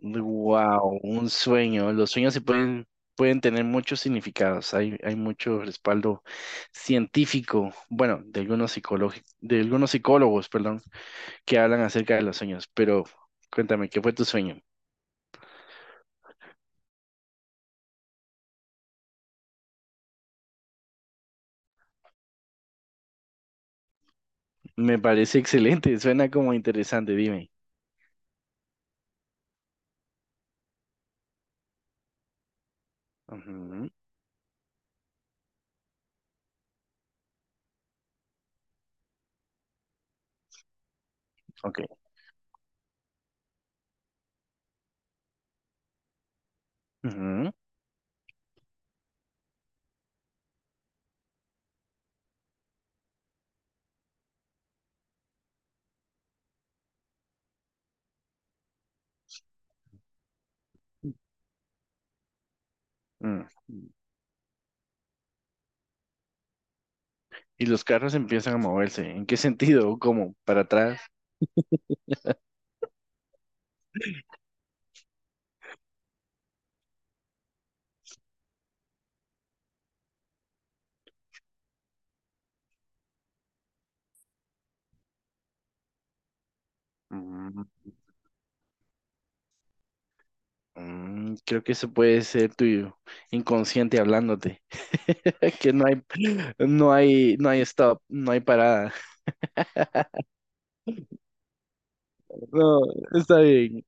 Wow, un sueño. Los sueños se pueden tener muchos significados. Hay mucho respaldo científico, bueno, de algunos psicólogos, perdón, que hablan acerca de los sueños. Pero cuéntame, ¿qué fue tu sueño? Me parece excelente, suena como interesante, dime. Ujú, ok. Ujú, mm. Y los carros empiezan a moverse. ¿En qué sentido? ¿Cómo? ¿Para atrás? Creo que eso puede ser tu inconsciente hablándote. Que no hay stop, no hay parada. No, está bien.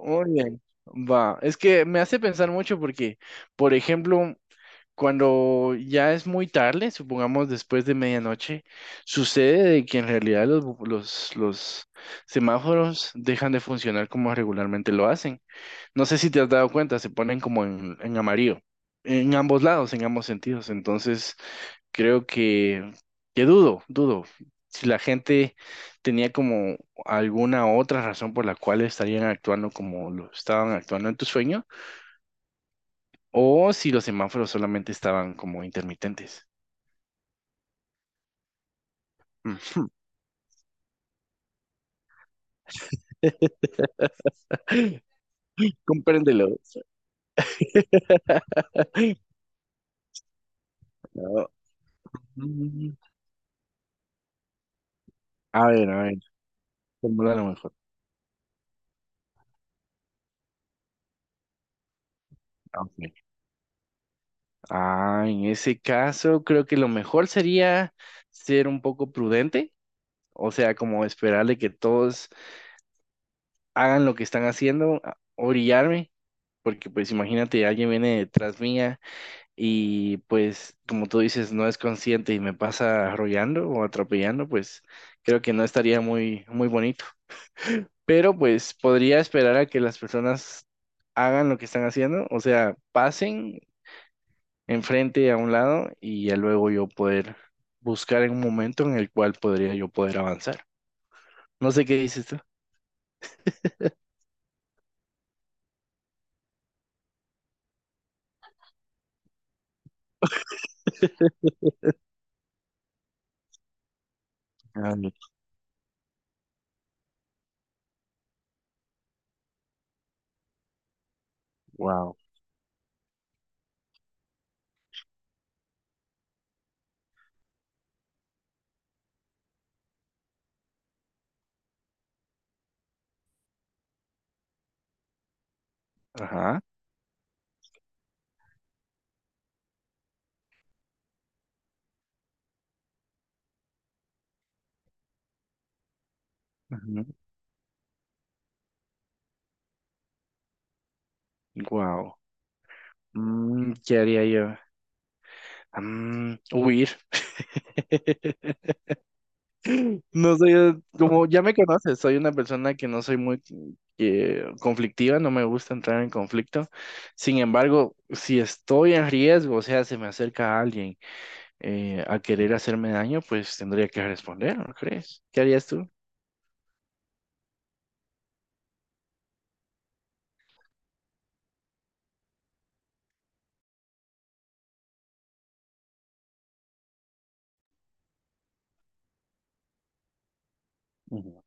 Muy bien. Va. Es que me hace pensar mucho porque, por ejemplo, cuando ya es muy tarde, supongamos después de medianoche, sucede de que en realidad los semáforos dejan de funcionar como regularmente lo hacen. No sé si te has dado cuenta, se ponen como en amarillo, en ambos lados, en ambos sentidos. Entonces, creo que dudo, dudo. Si la gente tenía como alguna otra razón por la cual estarían actuando como lo estaban actuando en tu sueño, o si los semáforos solamente estaban como intermitentes. Ujú. Compréndelo. No. Mm, a ver, formúlalo mejor. Ah, ok. Ah, en ese caso, creo que lo mejor sería ser un poco prudente, o sea, como esperarle que todos hagan lo que están haciendo, orillarme, porque pues imagínate, alguien viene detrás mía y pues, como tú dices, no es consciente y me pasa arrollando o atropellando, pues creo que no estaría muy, muy bonito. Pero pues podría esperar a que las personas hagan lo que están haciendo, o sea, pasen enfrente a un lado y ya luego yo poder buscar en un momento en el cual podría yo poder avanzar. No sé qué dices tú. Wow. Ajá. Wow. ¿Qué haría yo? Mm, huir. No soy, como ya me conoces, soy una persona que no soy muy conflictiva, no me gusta entrar en conflicto. Sin embargo, si estoy en riesgo, o sea, se me acerca alguien a querer hacerme daño, pues tendría que responder, ¿no crees? ¿Qué harías tú? Ujú.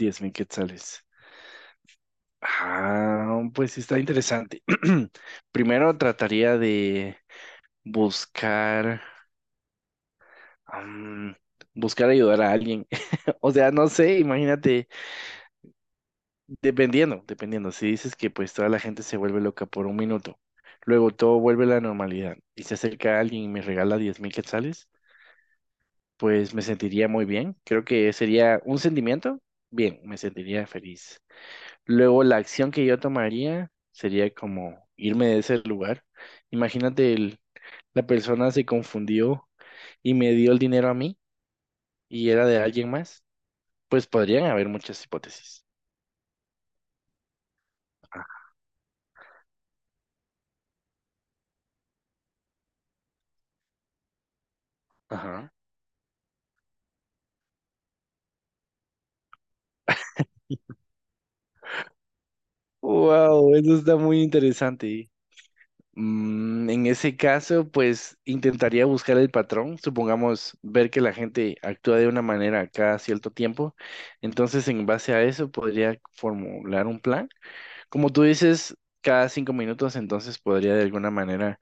Q10,000. Ah, pues sí, está interesante. Primero trataría de buscar, am, buscar ayudar a alguien. O sea, no sé, imagínate, dependiendo, dependiendo. Si dices que pues toda la gente se vuelve loca por un minuto, luego todo vuelve a la normalidad y se acerca alguien y me regala Q10,000, pues me sentiría muy bien. Creo que sería un sentimiento, bien, me sentiría feliz. Luego la acción que yo tomaría sería como irme de ese lugar. Imagínate, la persona se confundió y me dio el dinero a mí y era de alguien más. Pues podrían haber muchas hipótesis. Ah, ajá. Wow, eso está muy interesante. Mm, en ese caso, pues intentaría buscar el patrón, supongamos ver que la gente actúa de una manera cada cierto tiempo, entonces en base a eso podría formular un plan. Como tú dices, cada 5 minutos, entonces podría de alguna manera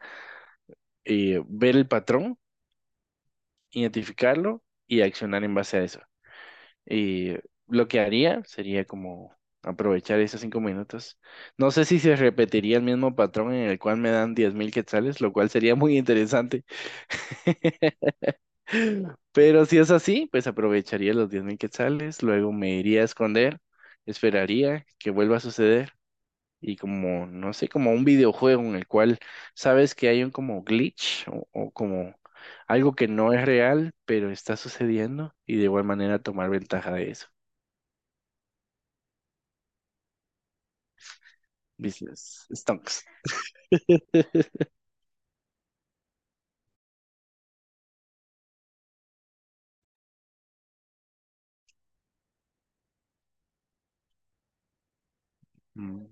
ver el patrón, identificarlo y accionar en base a eso. Y lo que haría sería como aprovechar esos 5 minutos. No sé si se repetiría el mismo patrón en el cual me dan Q10,000, lo cual sería muy interesante. Pero si es así, pues aprovecharía los Q10,000, luego me iría a esconder, esperaría que vuelva a suceder y como, no sé, como un videojuego en el cual sabes que hay un como glitch o como algo que no es real, pero está sucediendo y de igual manera tomar ventaja de eso. Business stunks. Mm.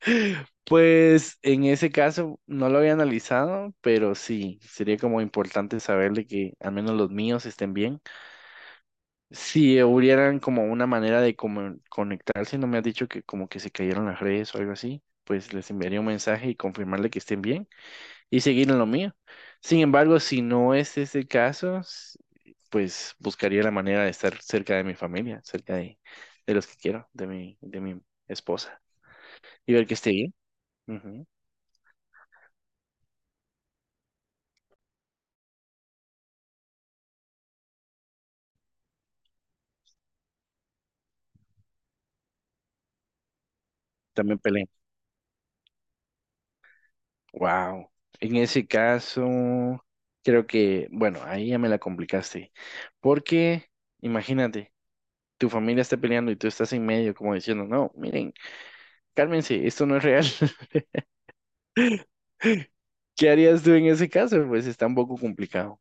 Pues en ese caso no lo había analizado, pero sí, sería como importante saberle que al menos los míos estén bien si hubieran como una manera de como conectarse, no me ha dicho que como que se cayeron las redes o algo así, pues les enviaría un mensaje y confirmarle que estén bien y seguir en lo mío. Sin embargo, si no es ese el caso, pues buscaría la manera de estar cerca de mi familia, cerca de los que quiero, de mi esposa y ver que esté bien. Ujú. También peleé. Wow. En ese caso, creo que, bueno, ahí ya me la complicaste, porque imagínate. Tu familia está peleando y tú estás en medio como diciendo, no, miren, cálmense, esto no es real. ¿Qué harías tú en ese caso? Pues está un poco complicado.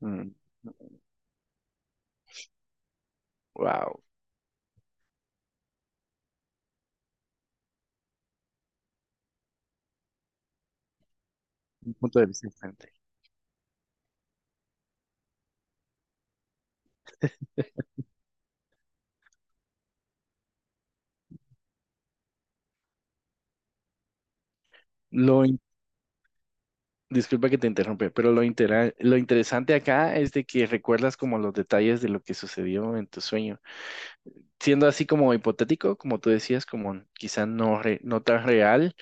Mm, wow, un punto de vista interesante. Lo in- Disculpa que te interrumpe, pero lo interesante acá es de que recuerdas como los detalles de lo que sucedió en tu sueño. Siendo así como hipotético, como tú decías, como quizá no tan real,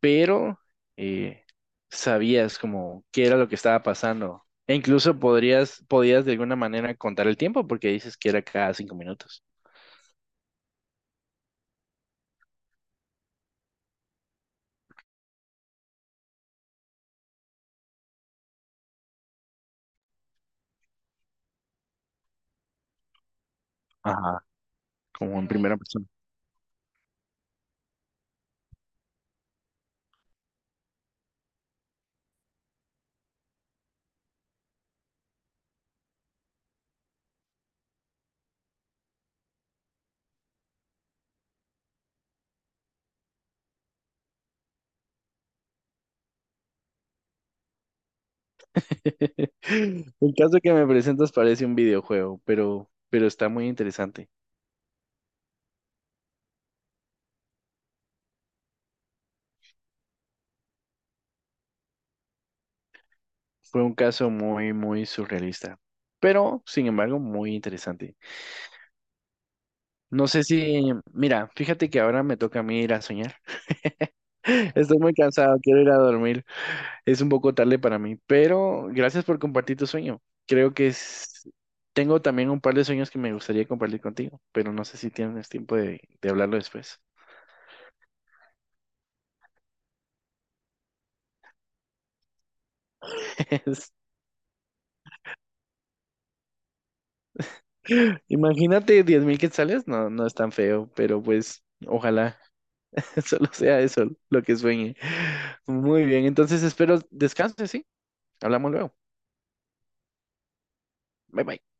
pero eh, sabías como qué era lo que estaba pasando. E incluso podrías, podías de alguna manera contar el tiempo porque dices que era cada 5 minutos. Ajá, como en primera persona. El caso que me presentas parece un videojuego, pero está muy interesante. Fue un caso muy, muy surrealista, pero sin embargo muy interesante. No sé si, mira, fíjate que ahora me toca a mí ir a soñar. Estoy muy cansado, quiero ir a dormir. Es un poco tarde para mí, pero gracias por compartir tu sueño. Creo que tengo también un par de sueños que me gustaría compartir contigo, pero no sé si tienes tiempo de hablarlo después. Imagínate Q10,000, no, no es tan feo, pero pues ojalá solo sea eso lo que sueñe. Muy bien, entonces espero descanses, ¿sí? Hablamos luego. Bye bye.